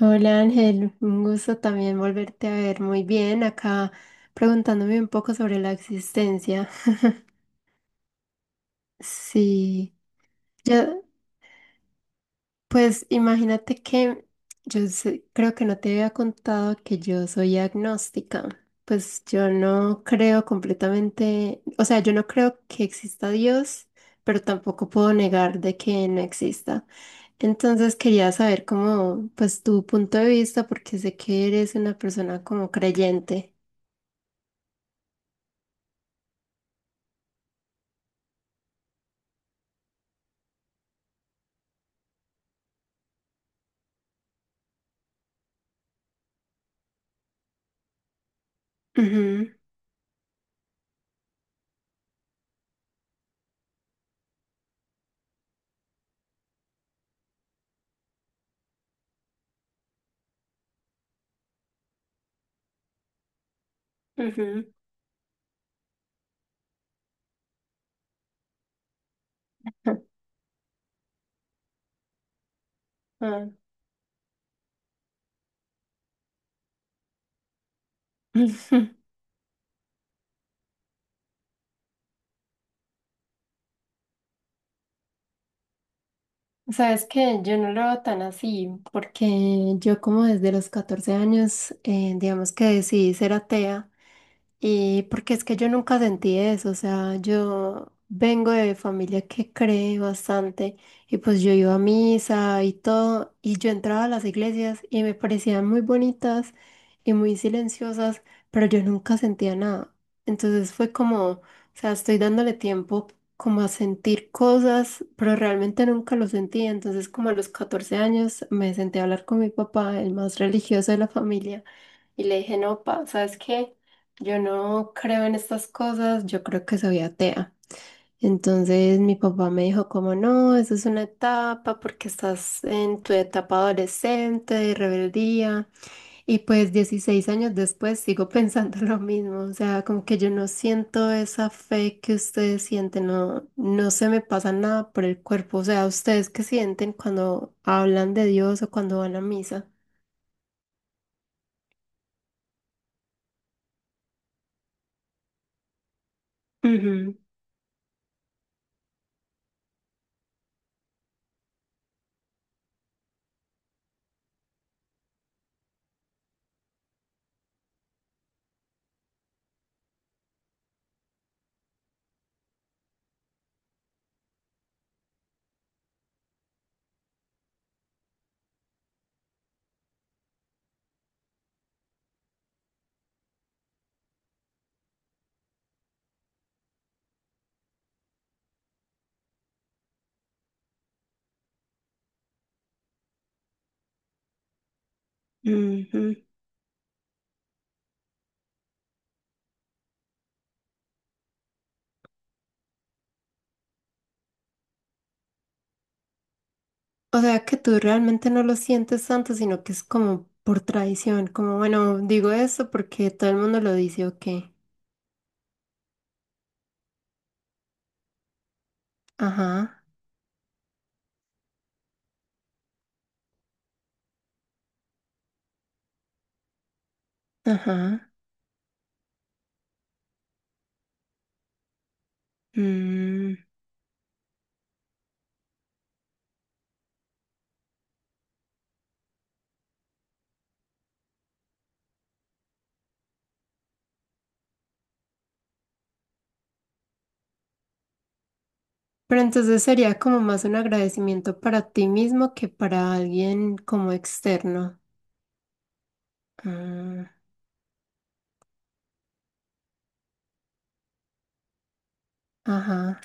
Hola Ángel, un gusto también volverte a ver. Muy bien, acá preguntándome un poco sobre la existencia. Sí, yo, pues imagínate que creo que no te había contado que yo soy agnóstica. Pues yo no creo completamente, o sea, yo no creo que exista Dios, pero tampoco puedo negar de que no exista. Entonces quería saber cómo, pues tu punto de vista, porque sé que eres una persona como creyente. Ujú, ujú, ajá. Sabes que yo no lo veo tan así, porque yo como desde los 14 años, digamos que decidí ser atea. Y porque es que yo nunca sentí eso, o sea, yo vengo de familia que cree bastante y pues yo iba a misa y todo y yo entraba a las iglesias y me parecían muy bonitas y muy silenciosas, pero yo nunca sentía nada. Entonces fue como, o sea, estoy dándole tiempo como a sentir cosas, pero realmente nunca lo sentía. Entonces como a los 14 años me senté a hablar con mi papá, el más religioso de la familia, y le dije, no, pa, ¿sabes qué? Yo no creo en estas cosas, yo creo que soy atea. Entonces mi papá me dijo como no, eso es una etapa porque estás en tu etapa adolescente de rebeldía. Y pues 16 años después sigo pensando lo mismo, o sea, como que yo no siento esa fe que ustedes sienten, no, no se me pasa nada por el cuerpo, o sea, ustedes qué sienten cuando hablan de Dios o cuando van a misa. Ujú, ujú. O sea que tú realmente no lo sientes tanto, sino que es como por tradición, como bueno, digo eso porque todo el mundo lo dice o qué. Ajá, ajá. Mm. Pero entonces sería como más un agradecimiento para ti mismo que para alguien como externo. Mm, ajá.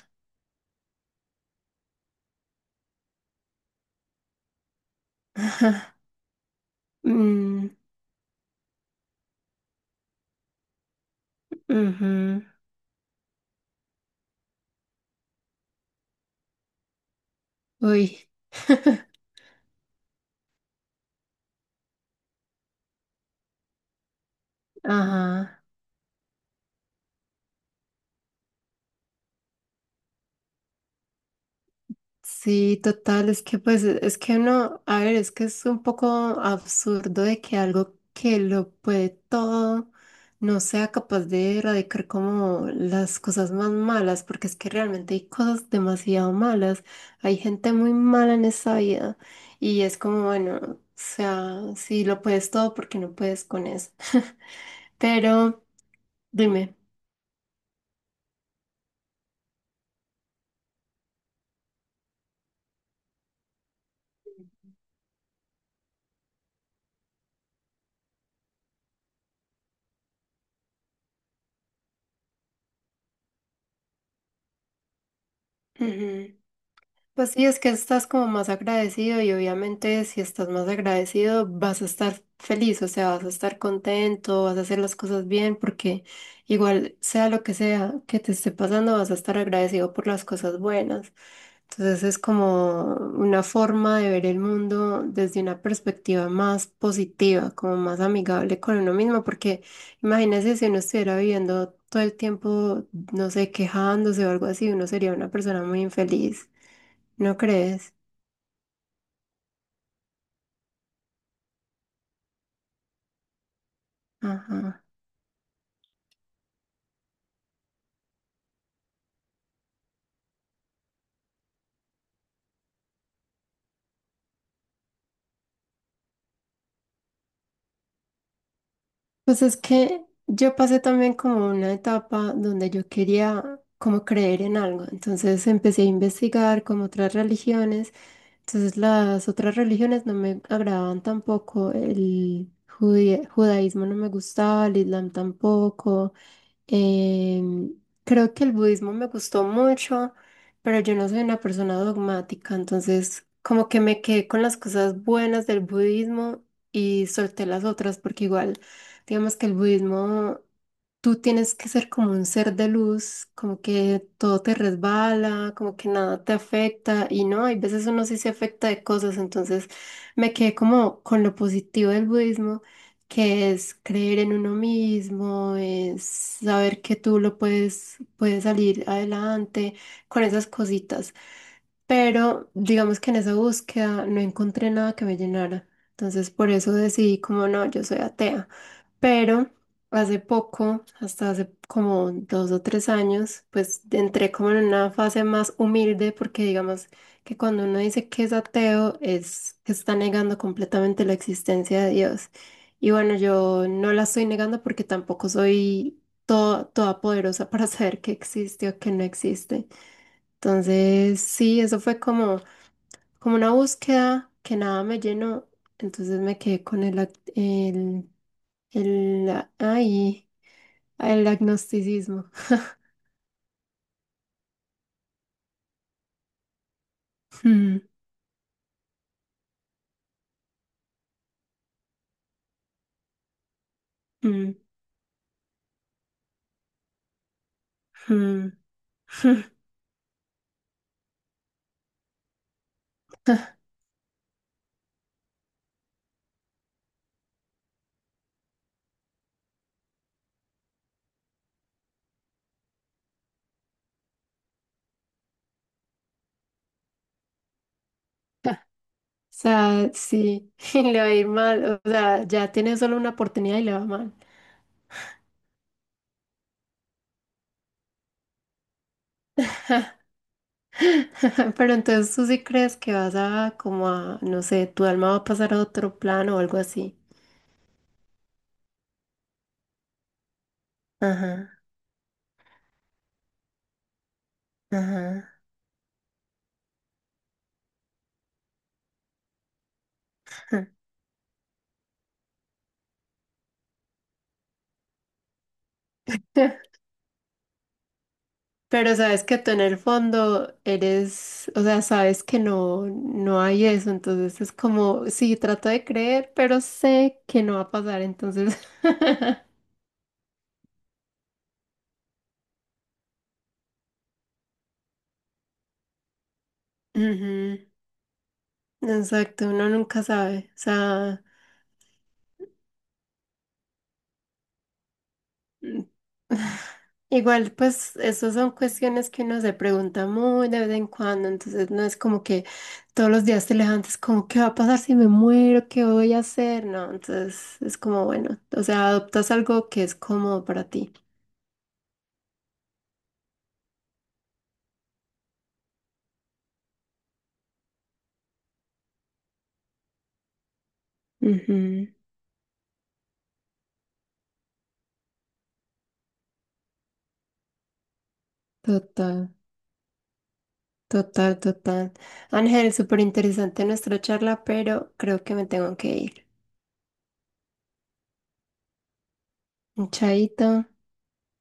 Mm, ujú. Uy. Ajá. Sí, total, es que pues es que uno, a ver, es que es un poco absurdo de que algo que lo puede todo no sea capaz de erradicar como las cosas más malas, porque es que realmente hay cosas demasiado malas, hay gente muy mala en esta vida y es como, bueno, o sea, si lo puedes todo, porque no puedes con eso? Pero dime. Pues sí, es que estás como más agradecido y obviamente si estás más agradecido vas a estar feliz, o sea, vas a estar contento, vas a hacer las cosas bien, porque igual sea lo que sea que te esté pasando, vas a estar agradecido por las cosas buenas. Entonces es como una forma de ver el mundo desde una perspectiva más positiva, como más amigable con uno mismo, porque imagínese si uno estuviera viviendo todo el tiempo, no sé, quejándose o algo así, uno sería una persona muy infeliz. ¿No crees? Ajá. Pues es que yo pasé también como una etapa donde yo quería como creer en algo. Entonces empecé a investigar como otras religiones. Entonces las otras religiones no me agradaban tampoco. El judaísmo no me gustaba, el islam tampoco. Em, Creo que el budismo me gustó mucho, pero yo no soy una persona dogmática, entonces como que me quedé con las cosas buenas del budismo y solté las otras, porque igual, digamos que el budismo, tú tienes que ser como un ser de luz, como que todo te resbala, como que nada te afecta, y no, hay veces uno sí se afecta de cosas, entonces me quedé como con lo positivo del budismo que es creer en uno mismo, es saber que tú lo puedes, puedes salir adelante con esas cositas. Pero digamos que en esa búsqueda no encontré nada que me llenara. Entonces por eso decidí como no, yo soy atea. Pero hace poco, hasta hace como 2 o 3 años, pues entré como en una fase más humilde porque digamos que cuando uno dice que es ateo es que está negando completamente la existencia de Dios. Y bueno, yo no la estoy negando porque tampoco soy toda poderosa para saber qué existe o qué no existe. Entonces, sí, eso fue como, como una búsqueda que nada me llenó. Entonces me quedé con el, ac- el, ay, el agnosticismo. Mm, mm, mm. O sea, sí, le va a ir mal. O sea, ya tiene solo una oportunidad y le va mal. Pero entonces tú sí crees que vas a como a, no sé, tu alma va a pasar a otro plano o algo así. Ajá, ajá. Pero sabes que tú en el fondo eres, o sea, sabes que no, no hay eso, entonces es como, sí, trato de creer, pero sé que no va a pasar, entonces. Ujú. Exacto, uno nunca sabe, o sea, igual, pues, esas son cuestiones que uno se pregunta muy de vez en cuando, entonces no es como que todos los días te levantes como, ¿qué va a pasar si me muero? ¿Qué voy a hacer? No, entonces es como, bueno, o sea, adoptas algo que es cómodo para ti. Ujú. Total, total, total. Ángel, súper interesante nuestra charla, pero creo que me tengo que ir. Un chaito.